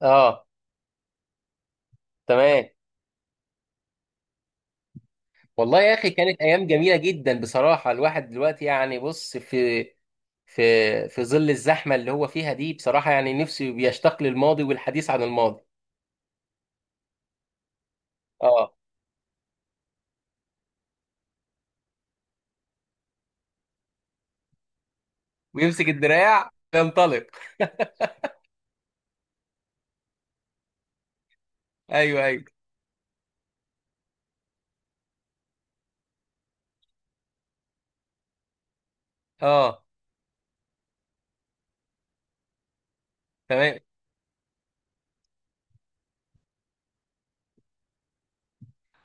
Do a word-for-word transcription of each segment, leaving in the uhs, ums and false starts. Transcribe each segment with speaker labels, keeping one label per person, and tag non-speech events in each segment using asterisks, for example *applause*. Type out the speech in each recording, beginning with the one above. Speaker 1: اه. تمام. والله يا اخي، كانت ايام جميله جدا بصراحه. الواحد دلوقتي يعني بص، في في في ظل الزحمه اللي هو فيها دي، بصراحه يعني نفسه بيشتاق للماضي والحديث عن الماضي. اه. ويمسك الدراع وينطلق. ايوه ايوه. اه. تمام.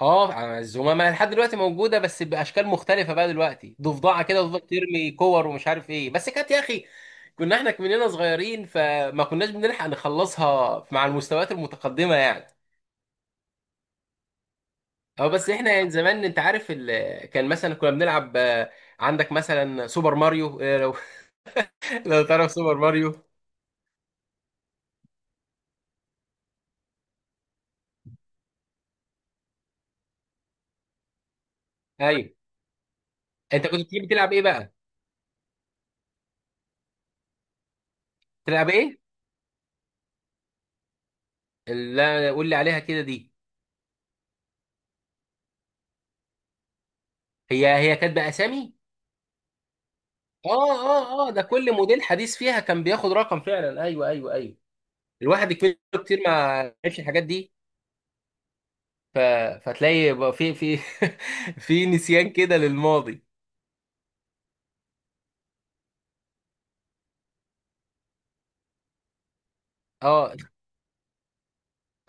Speaker 1: اه الزمامه يعني لحد دلوقتي موجوده، بس باشكال مختلفه بقى. دلوقتي ضفدعه كده وتفضل ترمي كور ومش عارف ايه، بس كانت يا اخي. كنا احنا مننا صغيرين فما كناش بنلحق نخلصها مع المستويات المتقدمه يعني. اه بس احنا يعني زمان انت عارف ال... كان مثلا كنا بنلعب، آه، عندك مثلا سوبر ماريو. آه، لو *laughs* لو تعرف سوبر ماريو. ايوه. انت كنت بتحب تلعب ايه بقى؟ تلعب ايه؟ لا، قول لي عليها كده دي. هي هي كانت باسامي؟ اه اه اه، ده كل موديل حديث فيها كان بياخد رقم فعلا. ايوه ايوه ايوه. الواحد كبير كتير ما عرفش الحاجات دي. ف... فتلاقي بقى في في *laughs* في نسيان كده للماضي. اه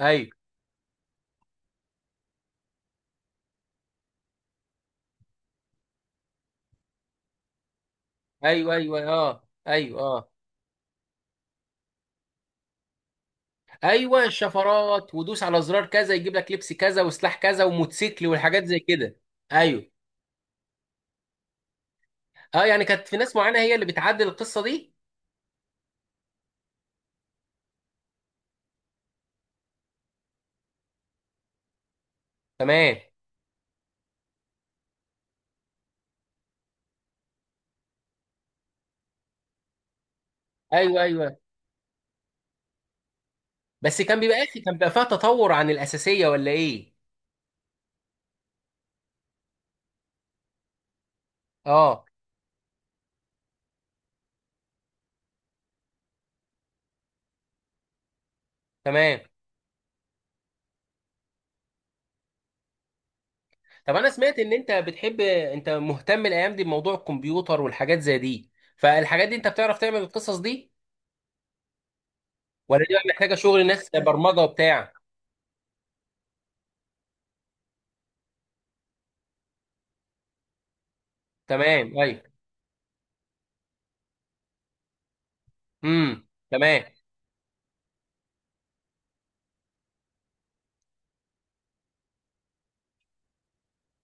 Speaker 1: ايوه ايوه ايوه اه ايوه اه. ايوه الشفرات، ودوس على زرار كذا يجيب لك لبس كذا وسلاح كذا وموتوسيكل والحاجات زي كده. ايوه. اه يعني كانت في ناس معينه هي اللي بتعدل القصه دي. تمام. ايوه ايوه. بس كان بيبقى اخي، كان بيبقى فيها تطور عن الاساسيه ولا ايه؟ اه. تمام. طب انا سمعت ان انت بتحب، انت مهتم الايام دي بموضوع الكمبيوتر والحاجات زي دي. فالحاجات دي انت بتعرف تعمل القصص دي؟ ولا دي بقى محتاجه شغل ناس، آه، برمجه وبتاع. تمام ايوه. امم. تمام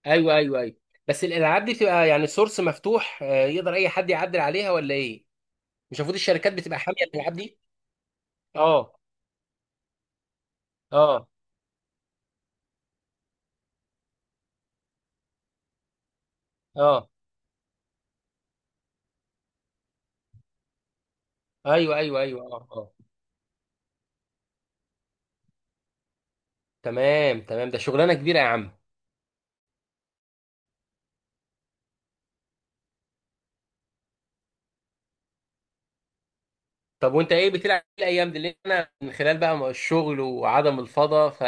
Speaker 1: ايوه ايوه ايوه. بس الالعاب دي بتبقى يعني سورس مفتوح، آه، يقدر اي حد يعدل عليها ولا ايه؟ مش المفروض الشركات بتبقى حاميه الالعاب دي؟ اه اه اه ايوه ايوه ايوه اه اه. تمام تمام. ده شغلانه كبيره يا عم. طب وانت ايه بتلعب إيه الايام دي؟ لان انا من خلال بقى الشغل وعدم الفضا، ف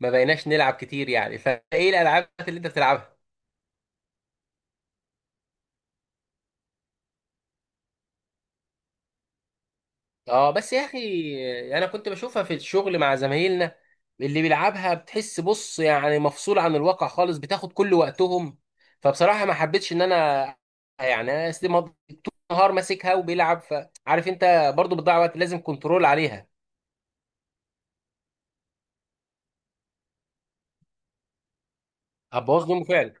Speaker 1: ما بقيناش نلعب كتير يعني. فايه الالعاب اللي انت بتلعبها؟ اه بس يا اخي، انا كنت بشوفها في الشغل مع زمايلنا. اللي بيلعبها، بتحس بص يعني مفصول عن الواقع خالص، بتاخد كل وقتهم. فبصراحة ما حبيتش ان انا يعني انا أسلم- طول النهار ماسكها وبيلعب، فعارف انت برضو بتضيع وقت، لازم كنترول عليها. هتبوظ يومه فعلا.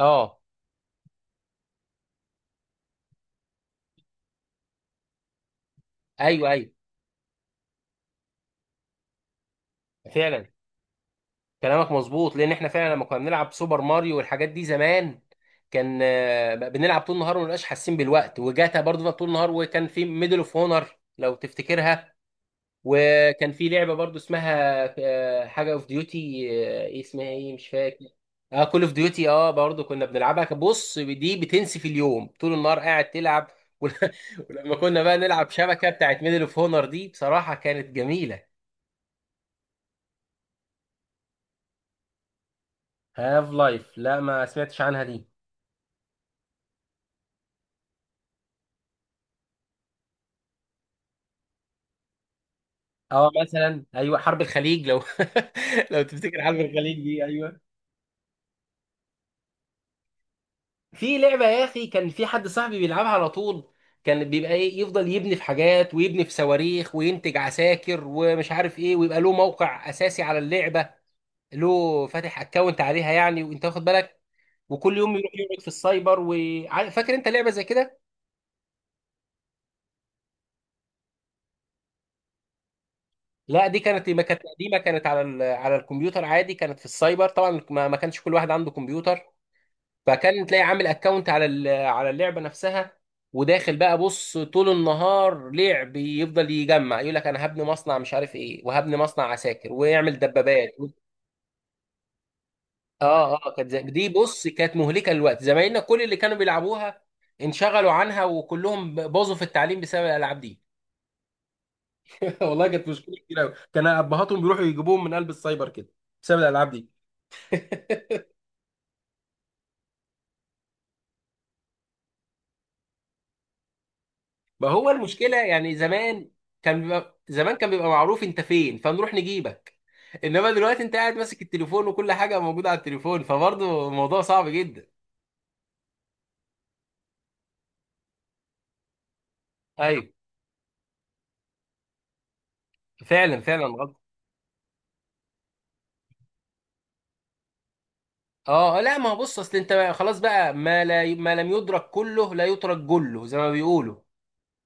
Speaker 1: اه ايوه ايوه. فعلا، كلامك مظبوط. لان احنا فعلا لما كنا بنلعب سوبر ماريو والحاجات دي زمان، كان آه، بنلعب طول النهار وما بنبقاش حاسين بالوقت. وجاتا برضه طول النهار، وكان في ميدل اوف هونر لو تفتكرها. وكان في لعبه برضه اسمها آه، حاجه اوف ديوتي، ايه اسمها ايه مش فاكر. اه كول اوف ديوتي. اه برضه كنا بنلعبها. بص دي بتنسي في اليوم، طول النهار قاعد تلعب. *laughs* ول- ولما كنا بقى نلعب شبكه بتاعت ميدل اوف هونر دي بصراحه كانت جميله. هاف لايف؟ لا ما سمعتش عنها دي. اه مثلا ايوه حرب الخليج لو *laughs* لو تفتكر حرب الخليج دي، ايوه. في لعبه يا اخي، كان في حد صاحبي بيلعبها على طول. كان بيبقى ايه، يفضل يبني في حاجات ويبني في صواريخ وينتج عساكر ومش عارف ايه، ويبقى له موقع اساسي على اللعبه. له فاتح اكونت عليها يعني، وانت واخد بالك. وكل يوم يروح يقعد في السايبر. وعارف، فاكر انت لعبه زي كده؟ لا دي كانت، ما كانت قديمه، كانت على ال... على الكمبيوتر عادي. كانت في السايبر طبعا ما ما كانش كل واحد عنده كمبيوتر. فكان تلاقي عامل اكونت على ال- على اللعبه نفسها. وداخل بقى بص طول النهار لعب، يفضل يجمع. يقول لك انا هبني مصنع مش عارف ايه، وهبني مصنع عساكر ويعمل دبابات. اه اه. كانت زي- دي بص كانت مهلكه للوقت. زمايلنا كل اللي كانوا بيلعبوها انشغلوا عنها، وكلهم باظوا في التعليم بسبب الالعاب دي. *laughs* والله كانت مشكله كبيره قوي. كان ابهاتهم بيروحوا يجيبوهم من قلب السايبر كده بسبب الالعاب دي. *laughs* ما هو المشكله يعني زمان، كان بيبقى زمان كان بيبقى معروف انت فين فنروح نجيبك. انما دلوقتي انت قاعد ماسك التليفون، وكل حاجه موجوده على التليفون، فبرضه الموضوع صعب جدا. ايوه، فعلا فعلا غلط. اه لا ما هو بص، اصل انت خلاص بقى. ما لا، ما لم يدرك كله لا يترك جله زي ما بيقولوا.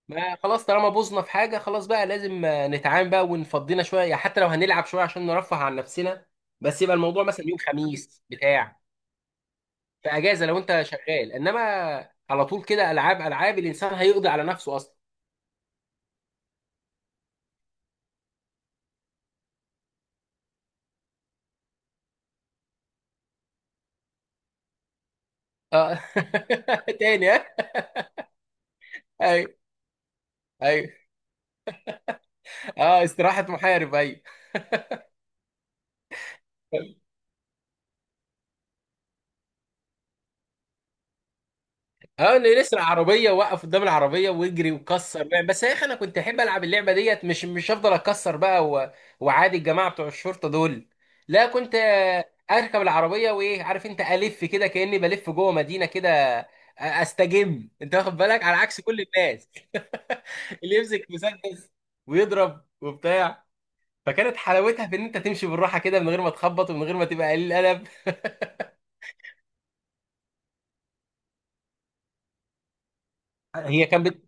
Speaker 1: ما خلاص، طالما بوظنا في حاجه خلاص بقى لازم آه، نتعامل بقى ونفضينا شويه، يعني حتى لو هنلعب شويه عشان نرفه عن نفسنا. بس يبقى الموضوع مثلا يوم خميس بتاع، في اجازه لو انت شغال. انما على طول كده، العاب العاب الانسان هيقضي على نفسه اصلا. اه. *laughs* تاني ها؟ ايوه ايوه. اه استراحه محارب، ايوه. اه انه يسرق عربيه، وقف قدام العربيه ويجري ويكسر بقى. بس يا اخي انا كنت احب العب اللعبه ديت مش مش هفضل اكسر بقى و... وعادي الجماعه بتوع الشرطه دول. لا، كنت آه، اركب العربيه وايه. عارف انت الف كده كاني بلف جوه مدينه كده، آه، استجم انت واخد بالك، على عكس كل الناس. *laughs* اللي يمسك مسدس ويضرب وبتاع. فكانت حلاوتها في ان انت تمشي بالراحه كده من غير ما تخبط ومن غير ما تبقى قليل القلب. هي كانت بت...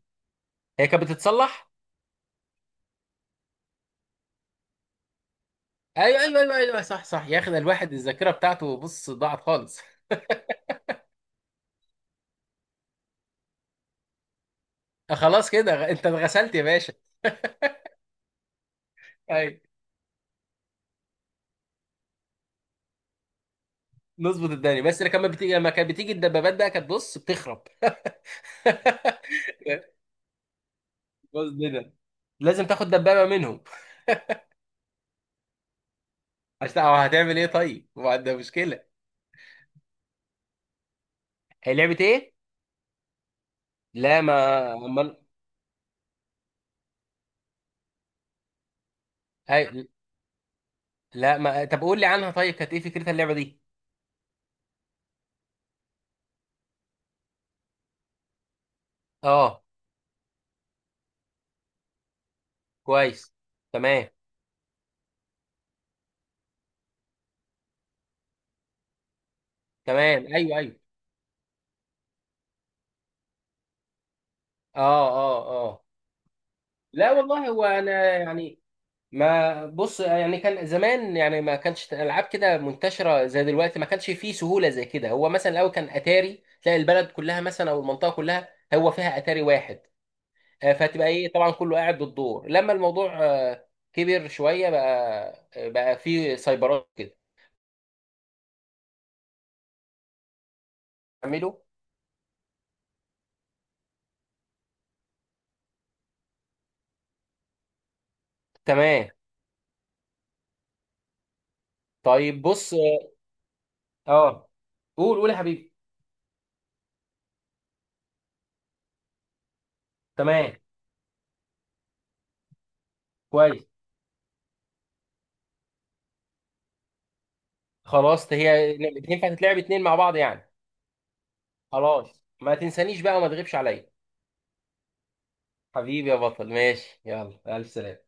Speaker 1: هي كانت بتتصلح. ايوه ايوه ايوه ايوه صح صح يا اخي. ده الواحد الذاكره بتاعته بص ضاعت خالص. *laughs* خلاص كده، غ- انت اتغسلت يا باشا. ايوه، نظبط الدنيا. بس لما كانت بتيجي، لما كانت بتيجي الدبابات بقى، كانت بص بتخرب. *laughs* بص كده، لازم تاخد دبابه منهم. عشان أو هتعمل ايه طيب؟ ما ده مشكله. هي لعبه ايه؟ لا ما أمال- أي- لا ما طب قول لي عنها طيب، كانت ايه فكرتها اللعبه دي. اه، كويس. تمام. تمام ايوه ايوه اه اه اه. لا والله هو انا يعني، ما بص يعني كان زمان يعني ما كانش العاب كده منتشره زي دلوقتي. ما كانش فيه سهوله زي كده، هو مثلا الاول كان اتاري، تلاقي البلد كلها مثلا او المنطقه كلها هو فيها اتاري واحد، آه، فتبقى ايه طبعا كله قاعد بالدور. لما الموضوع آه، كبر شويه بقى، آه، بقى فيه سايبرات كده. تعمله. تمام. طيب بص. اه قول قول يا حبيبي. تمام، كويس. خلاص هي ينفع تتلعب اتنين مع بعض يعني. خلاص ما تنسانيش بقى وما تغيبش عليا. حبيبي يا بطل، ماشي، يلا ألف سلامة.